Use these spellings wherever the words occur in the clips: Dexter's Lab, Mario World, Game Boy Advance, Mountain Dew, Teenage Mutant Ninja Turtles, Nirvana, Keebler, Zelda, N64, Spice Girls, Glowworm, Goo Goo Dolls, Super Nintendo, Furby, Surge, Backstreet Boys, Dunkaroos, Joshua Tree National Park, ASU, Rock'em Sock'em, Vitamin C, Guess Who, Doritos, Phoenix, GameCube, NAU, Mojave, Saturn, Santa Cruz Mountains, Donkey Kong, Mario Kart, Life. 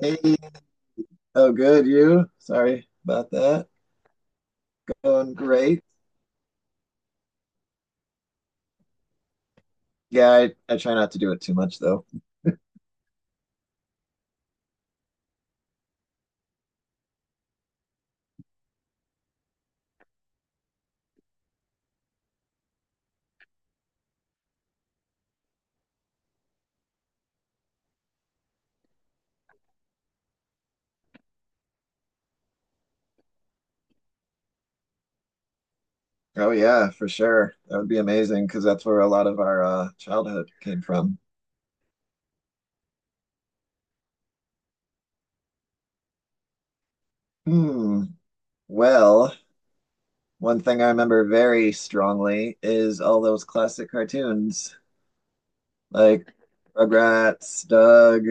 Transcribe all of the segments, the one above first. Hey, oh good, you? Sorry about that. Going great. Yeah, I try not to do it too much though. Oh yeah, for sure. That would be amazing because that's where a lot of our childhood came from. Hmm. Well, one thing I remember very strongly is all those classic cartoons. Like Rugrats, Doug.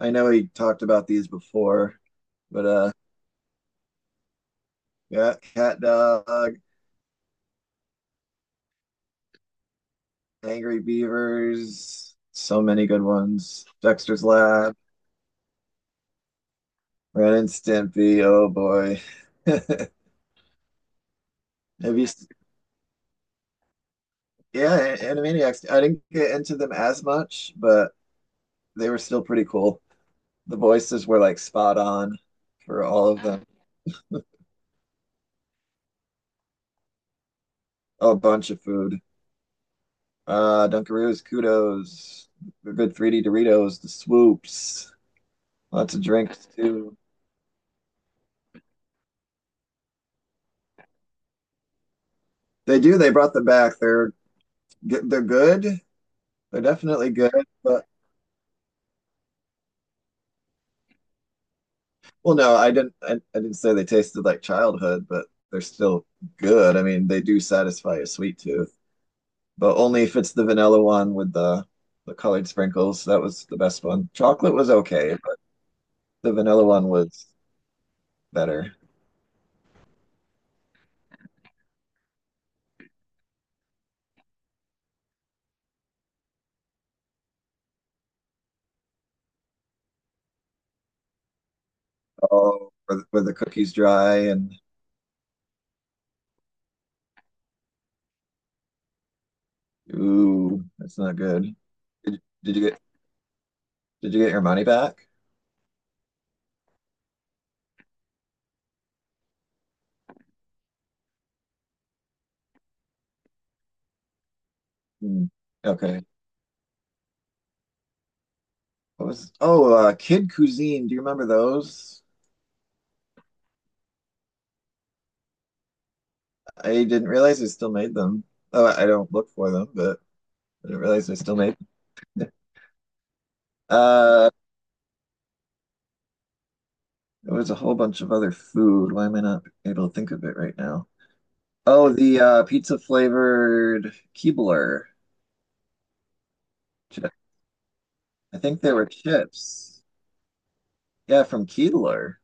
I know he talked about these before, but yeah, Cat Dog, Angry Beavers, so many good ones. Dexter's Lab, Ren and Stimpy, oh boy. Have you s- yeah, Animaniacs. I didn't get into them as much, but they were still pretty cool. The voices were like spot on for all of them. A bunch of food. Dunkaroos, Kudos, the good 3D Doritos, the swoops, lots of drinks too. They do. They brought them back. They're good. They're definitely good. But well, no, I didn't. I didn't say they tasted like childhood, but they're still good. I mean, they do satisfy a sweet tooth, but only if it's the vanilla one with the colored sprinkles. That was the best one. Chocolate was okay, but the vanilla one was better. Oh, were the cookies dry and ooh, that's not good. Did, did you get did you get your money back? Hmm. Okay. What was oh Kid Cuisine, do you remember those? I didn't realize they still made them. Oh, I don't look for them, but I didn't realize they still made them. Uh, there was a whole bunch of other food. Why am I not able to think of it right now? Oh, the pizza flavored Keebler. chi- I think they were chips. Yeah, from Keebler.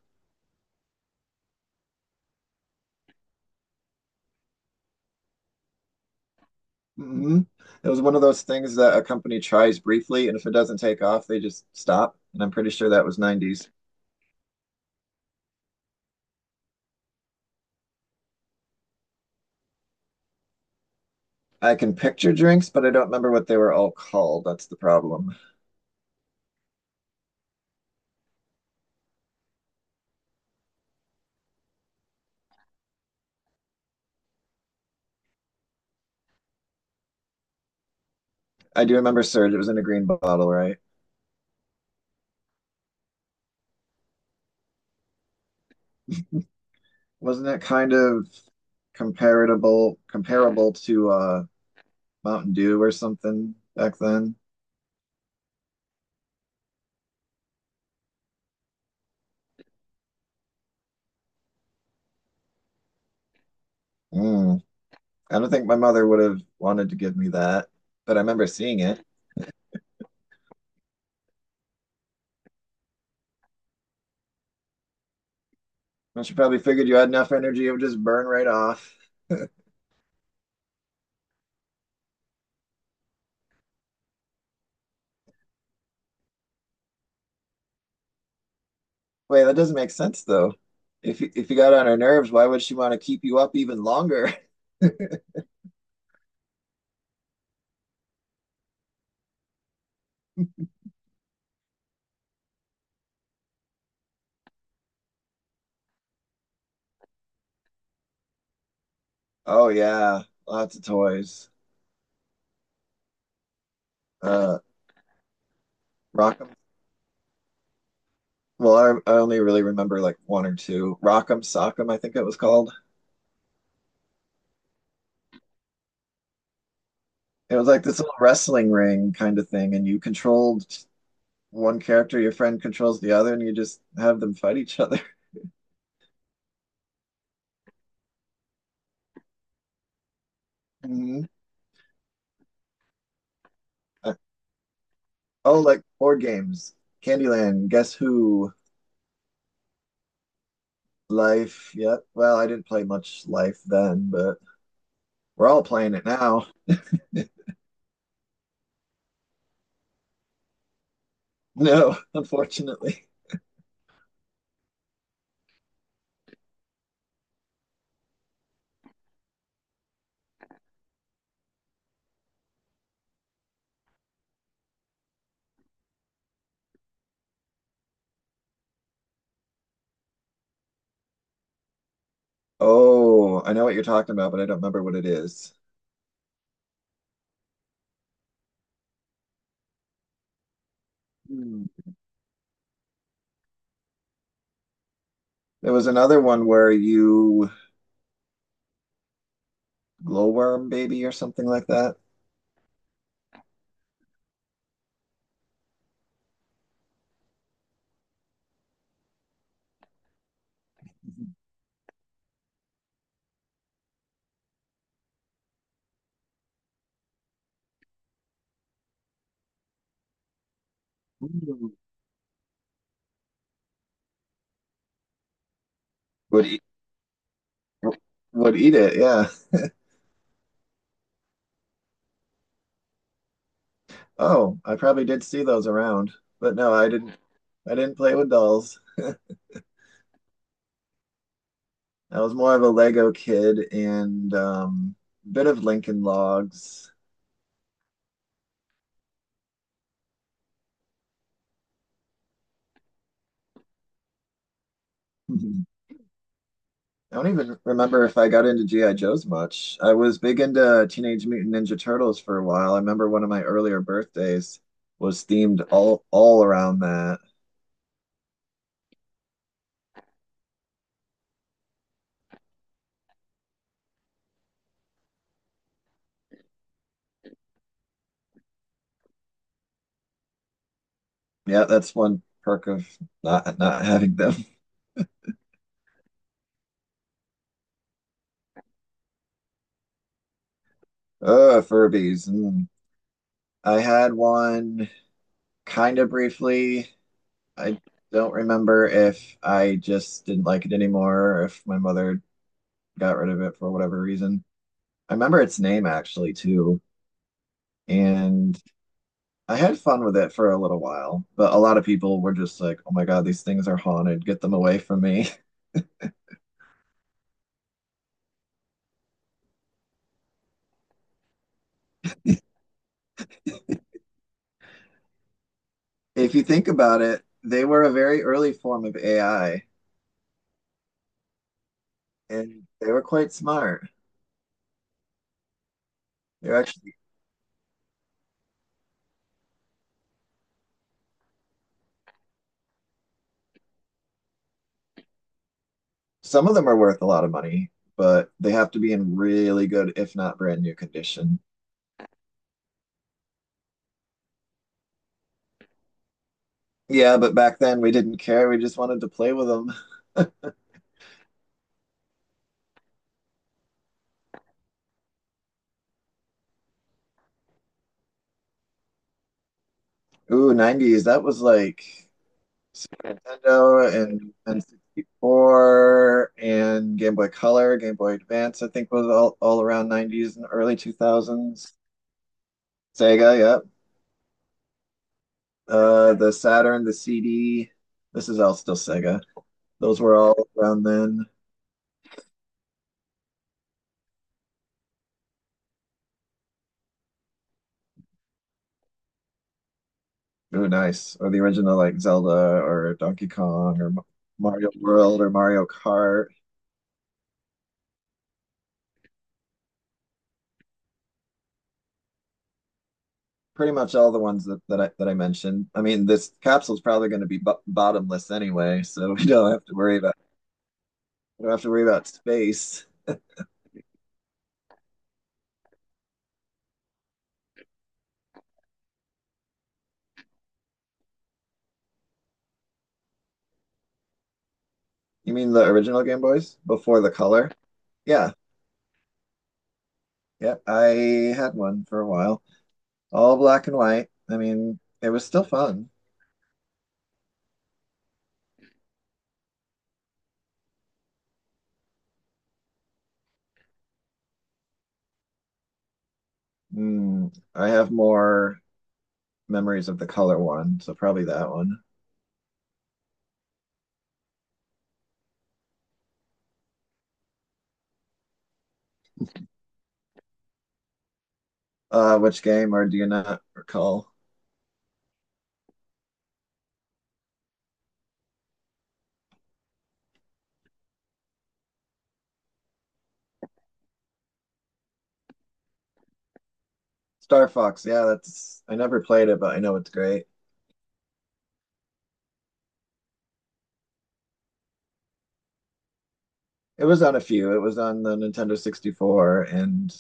Hmm. It was one of those things that a company tries briefly, and if it doesn't take off, they just stop. And I'm pretty sure that was 90s. I can picture drinks, but I don't remember what they were all called. That's the problem. I do remember Surge. It was in a green bottle, right? Wasn't it kind of comparable to Mountain Dew or something back then? Mm. I don't think my mother would have wanted to give me that, but I remember seeing it. And she probably figured you had enough energy, it would just burn right off. Wait, that doesn't make sense though. If you got on her nerves, why would she want to keep you up even longer? Oh yeah, lots of toys. Uh, Rock'em. Well, I only really remember like one or two. Rock'em Sock'em, I think it was called. It was like this little wrestling ring kind of thing, and you controlled one character, your friend controls the other, and you just have them fight each other. Mhm. Uh, oh, like board games, Candyland, Guess Who, Life. Yep. Well, I didn't play much Life then, but we're all playing it now. No, unfortunately. Oh, I know what you're talking about, but I don't remember what it is. Hmm. There was another one where you glowworm baby or something like that. Ooh. Would eat, would eat it. Yeah. Oh, I probably did see those around, but no, I didn't. I didn't play with dolls. I was more of a Lego kid and bit of Lincoln Logs. I don't even remember if I got into G.I. Joes much. I was big into Teenage Mutant Ninja Turtles for a while. I remember one of my earlier birthdays was themed all around that. Yeah, that's one perk of not having them. Furbies. Mm. I had one kind of briefly. I don't remember if I just didn't like it anymore or if my mother got rid of it for whatever reason. I remember its name actually too. And I had fun with it for a little while, but a lot of people were just like, oh my God, these things are haunted. Get them away from me. If you think about it, they were a very early form of AI and they were quite smart. They're actually, some of them are worth a lot of money, but they have to be in really good, if not brand new condition. Yeah, but back then we didn't care. We just wanted to play with them. Ooh, 90s. That was like Super Nintendo and N64 and Game Boy Color, Game Boy Advance, I think was all around 90s and early 2000s. Sega, yep. The Saturn, the CD. This is all still Sega. Those were all around then. Ooh, nice. Or the original like Zelda or Donkey Kong or Mario World or Mario Kart. Pretty much all the ones that I mentioned. I mean, this capsule's probably going to be bo bottomless anyway, so we don't have to worry about I don't have to worry about space. You mean the original Game Boys before the color? Yeah, yeah. I had one for a while, all black and white. I mean, it was still fun. Mm, I have more memories of the color one, so probably that one. Which game, or do you not recall? Star Fox. Yeah, that's. I never played it, but I know it's great. It was on a few. It was on the Nintendo 64 and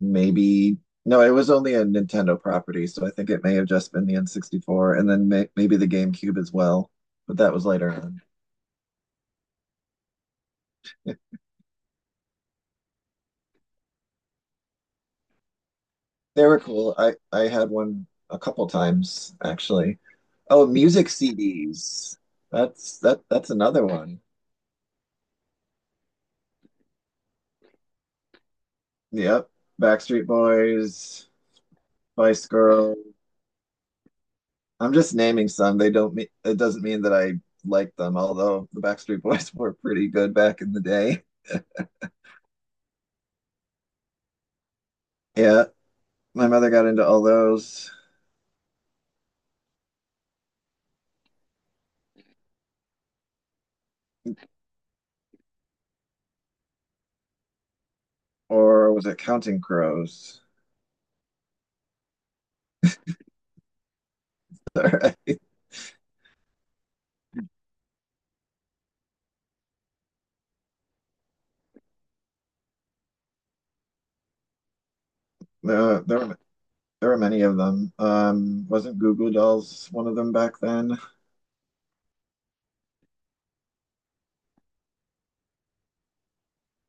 maybe no, it was only a Nintendo property, so I think it may have just been the N64 and then maybe the GameCube as well, but that was later on. They were cool. I had one a couple times actually. Oh, music CDs. That's another one. Yep. Backstreet Boys, Spice Girls. I'm just naming some. They don't mean it doesn't mean that I like them, although the Backstreet Boys were pretty good back in the day. Yeah, my mother got into all those. Or was it Counting Crows? there, there, there were many of them. Wasn't Goo Goo Dolls one of them back then?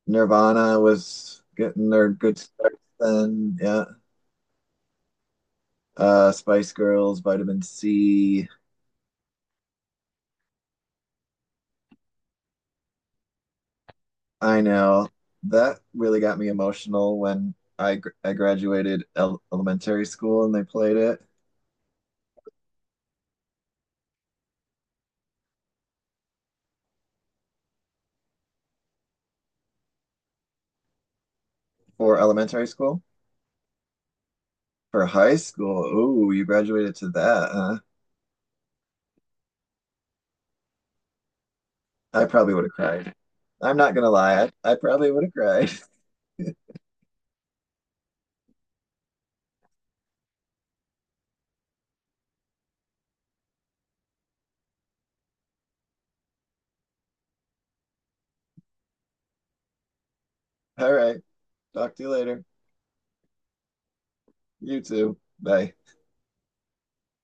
Nirvana was getting their good start then. Yeah. Spice Girls, Vitamin C. I know that really got me emotional when I graduated el elementary school and they played it for elementary school. For high school, ooh, you graduated to that, huh? I probably would have cried. I'm not gonna lie. I probably would have cried. All right. Talk to you later. You too. Bye.